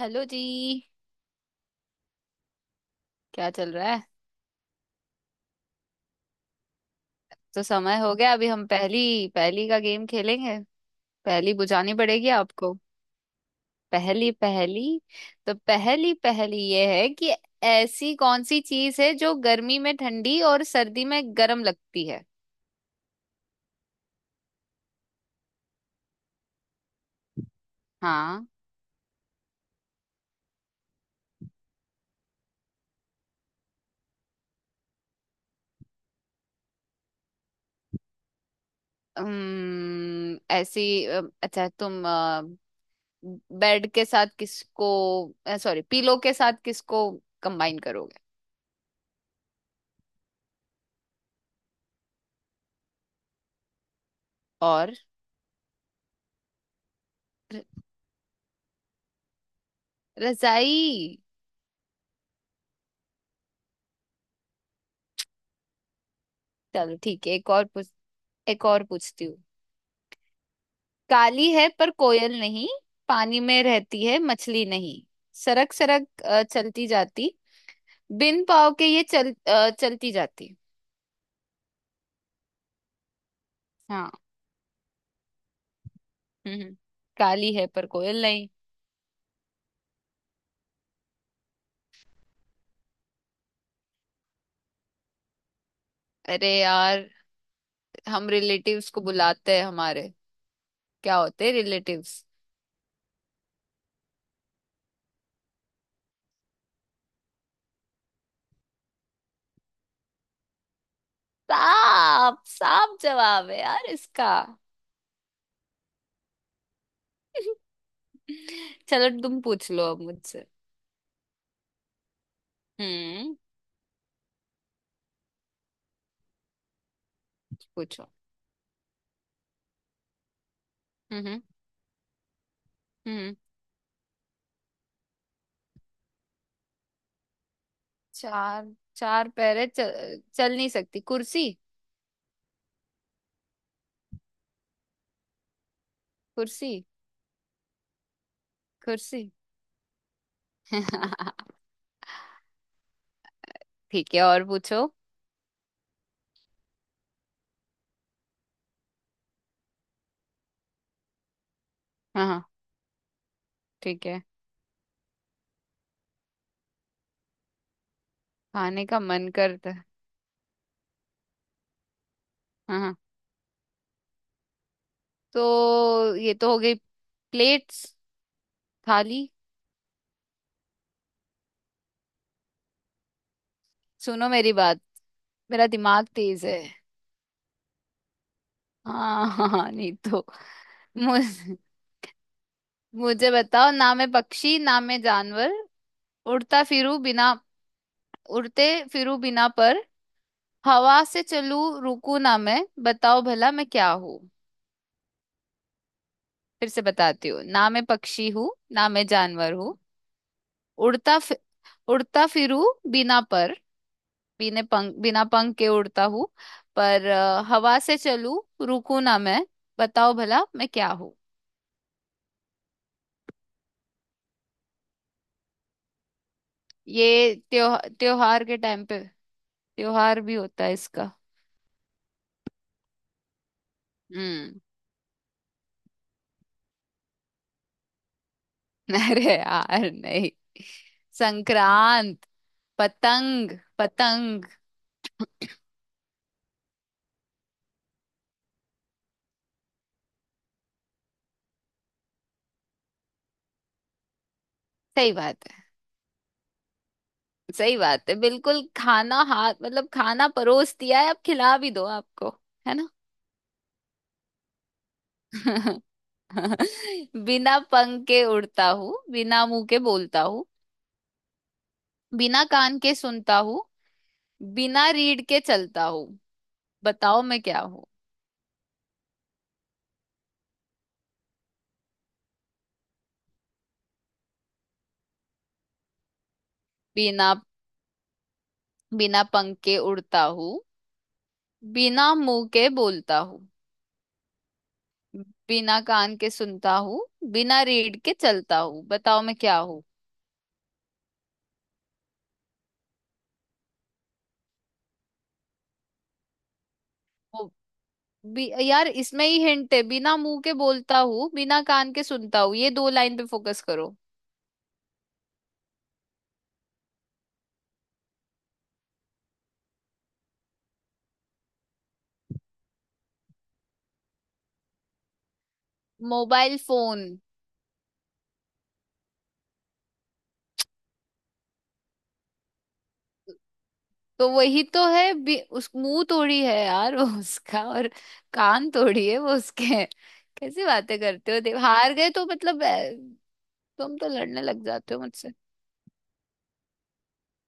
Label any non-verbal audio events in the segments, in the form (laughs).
Hello जी। क्या चल रहा है? तो समय हो गया अभी हम पहली पहली का गेम खेलेंगे। पहली बुझानी पड़ेगी आपको। पहली पहली। तो पहली पहली ये है कि ऐसी कौन सी चीज है जो गर्मी में ठंडी और सर्दी में गर्म लगती है? हाँ। ऐसी अच्छा तुम बेड के साथ किसको, सॉरी पीलो के साथ किसको कंबाइन करोगे? और र- रजाई। चलो ठीक है। एक और पूछ, एक और पूछती हूँ। काली है पर कोयल नहीं। पानी में रहती है मछली नहीं। सरक सरक चलती जाती। बिन पाँव के ये चलती जाती। हाँ। हम्म हम्म। काली है पर कोयल नहीं। अरे यार, हम रिलेटिव्स को बुलाते हैं हमारे। क्या होते हैं रिलेटिव्स? साफ साफ जवाब है यार इसका। (laughs) चलो तुम पूछ लो अब मुझसे। हम्म। पूछो। हम्म हम्म हम्म। चार चार पैर है, चल नहीं सकती, कुर्सी। कुर्सी। कुर्सी। (laughs) ठीक है, और पूछो। हाँ हाँ, ठीक है। खाने का मन करता है। हाँ हाँ। तो ये तो हो गई। प्लेट्स, थाली। सुनो मेरी बात, मेरा दिमाग तेज है। हाँ। (laughs) हाँ हाँ, नहीं तो। मुझे मुझे बताओ, ना मैं पक्षी ना मैं जानवर। उड़ता फिरू बिना उड़ते फिरू बिना पर हवा से चलू रुकू ना मैं, बताओ भला मैं क्या हूँ? फिर से बताती हूँ, ना मैं पक्षी हूँ ना मैं जानवर हूँ। उड़ता फि, उड़ता फिरूं बिना पर। बिना पंख के उड़ता हूँ पर हवा से चलूं, रुकू ना मैं। बताओ भला मैं क्या हूँ? ये त्योहार के टाइम पे। त्योहार भी होता है इसका। हम्म। (laughs) अरे यार नहीं। संक्रांत। पतंग पतंग। सही बात है, सही बात है बिल्कुल। खाना हाथ मतलब खाना परोस दिया है, अब खिला भी दो आपको। है ना? (laughs) बिना पंख के उड़ता हूँ, बिना मुंह के बोलता हूँ, बिना कान के सुनता हूँ, बिना रीढ़ के चलता हूँ। बताओ मैं क्या हूँ? बिना बिना पंख के उड़ता हूँ, बिना मुंह के बोलता हूँ, बिना कान के सुनता हूँ, बिना रीढ़ के चलता हूँ। बताओ मैं क्या हूँ? यार इसमें ही हिंट है, बिना मुंह के बोलता हूँ, बिना कान के सुनता हूँ। ये दो लाइन पे फोकस करो। Mobile phone. तो वही तो है उस मुंह थोड़ी है यार। (laughs) वो उसका, और कान थोड़ी है वो उसके हैं। कैसी बातें करते हो? देव हार गए तो मतलब, तुम तो लड़ने लग जाते हो मुझसे।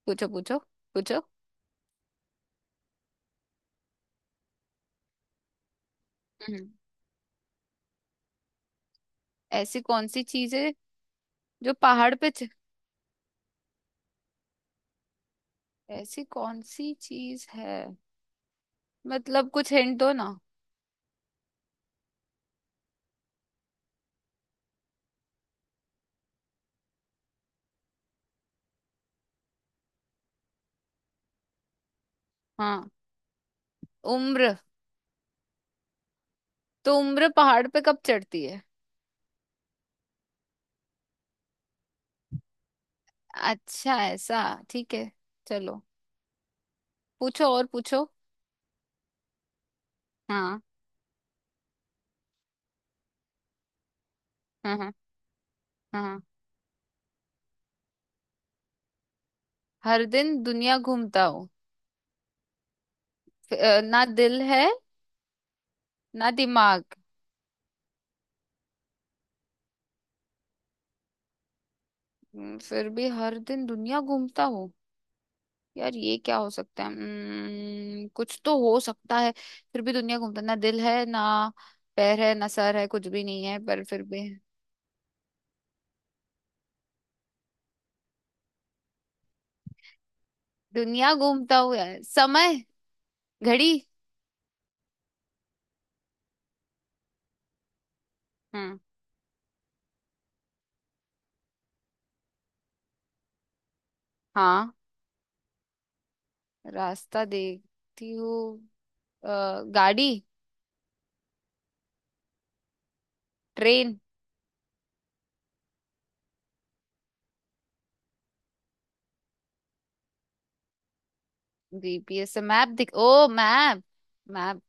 पूछो पूछो पूछो। हम्म। ऐसी कौन सी चीज है जो पहाड़ पे ऐसी कौन सी चीज है, मतलब कुछ हिंट दो ना। हाँ। उम्र। तो उम्र पहाड़ पे कब चढ़ती है? अच्छा ऐसा? ठीक है, चलो। पूछो, और पूछो। हाँ हाँ, हाँ हाँ। हर दिन दुनिया घूमता हूँ। ना दिल है ना दिमाग। फिर भी हर दिन दुनिया घूमता हूँ यार, ये क्या हो सकता है? कुछ तो हो सकता है। फिर भी दुनिया घूमता, ना दिल है ना पैर है ना सर है, कुछ भी नहीं है, पर फिर भी दुनिया घूमता हूँ यार। समय, घड़ी। हम्म। हाँ। रास्ता देखती हूँ। गाड़ी, ट्रेन। जीपीएस से मैप दिख ओ मैप। मैप,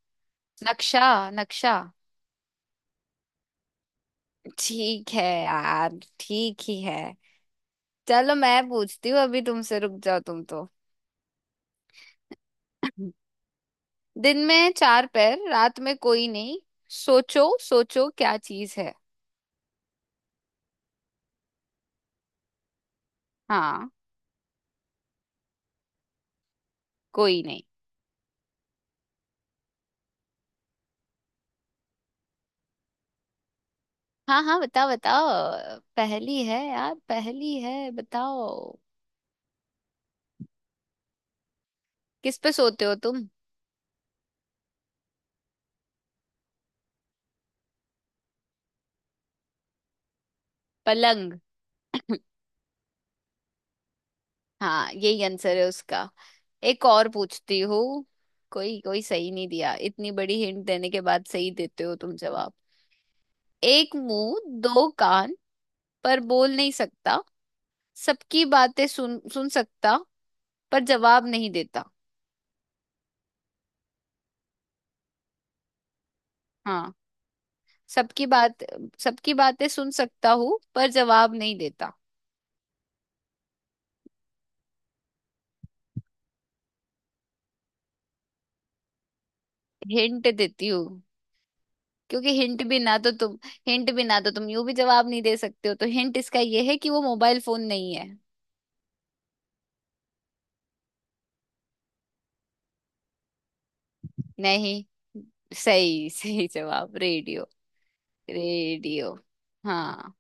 नक्शा। नक्शा। ठीक है यार, ठीक ही है। चलो मैं पूछती हूँ अभी तुमसे, रुक जाओ तुम तो। (clears throat) दिन में चार पैर, रात में कोई नहीं। सोचो सोचो क्या चीज है? हाँ। कोई नहीं। हाँ हाँ, बताओ बताओ, पहली है यार, पहली है, बताओ। किस पे सोते हो तुम? पलंग। हाँ यही आंसर है उसका। एक और पूछती हूँ। कोई कोई सही नहीं दिया, इतनी बड़ी हिंट देने के बाद सही देते हो तुम जवाब। एक मुंह दो कान, पर बोल नहीं सकता। सबकी बातें सुन सुन सकता, पर जवाब नहीं देता। हाँ। सबकी बात सबकी बातें सुन सकता हूँ पर जवाब नहीं देता। हिंट देती हूँ। क्योंकि हिंट भी ना तो तुम यूं भी जवाब नहीं दे सकते हो, तो हिंट इसका ये है कि वो मोबाइल फोन नहीं है। नहीं। सही (laughs) सही जवाब, रेडियो। रेडियो। हाँ।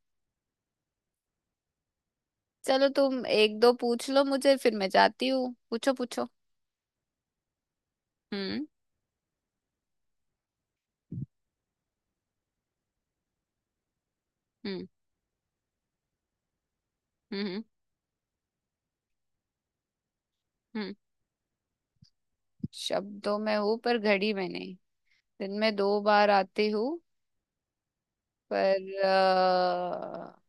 चलो तुम एक दो पूछ लो मुझे, फिर मैं जाती हूँ। पूछो पूछो। हम्म हम्म हम्म हम्म हम्म। शब्दों में हूँ पर घड़ी में नहीं। दिन में दो बार आती हूँ पर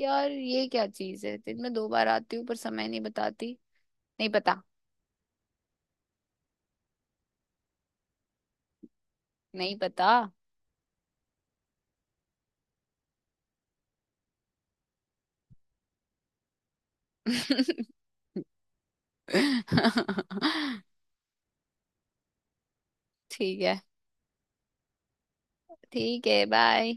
यार ये क्या चीज है, दिन में दो बार आती हूँ पर समय नहीं बताती। नहीं पता। नहीं पता। (laughs) ठीक है। ठीक है, बाय।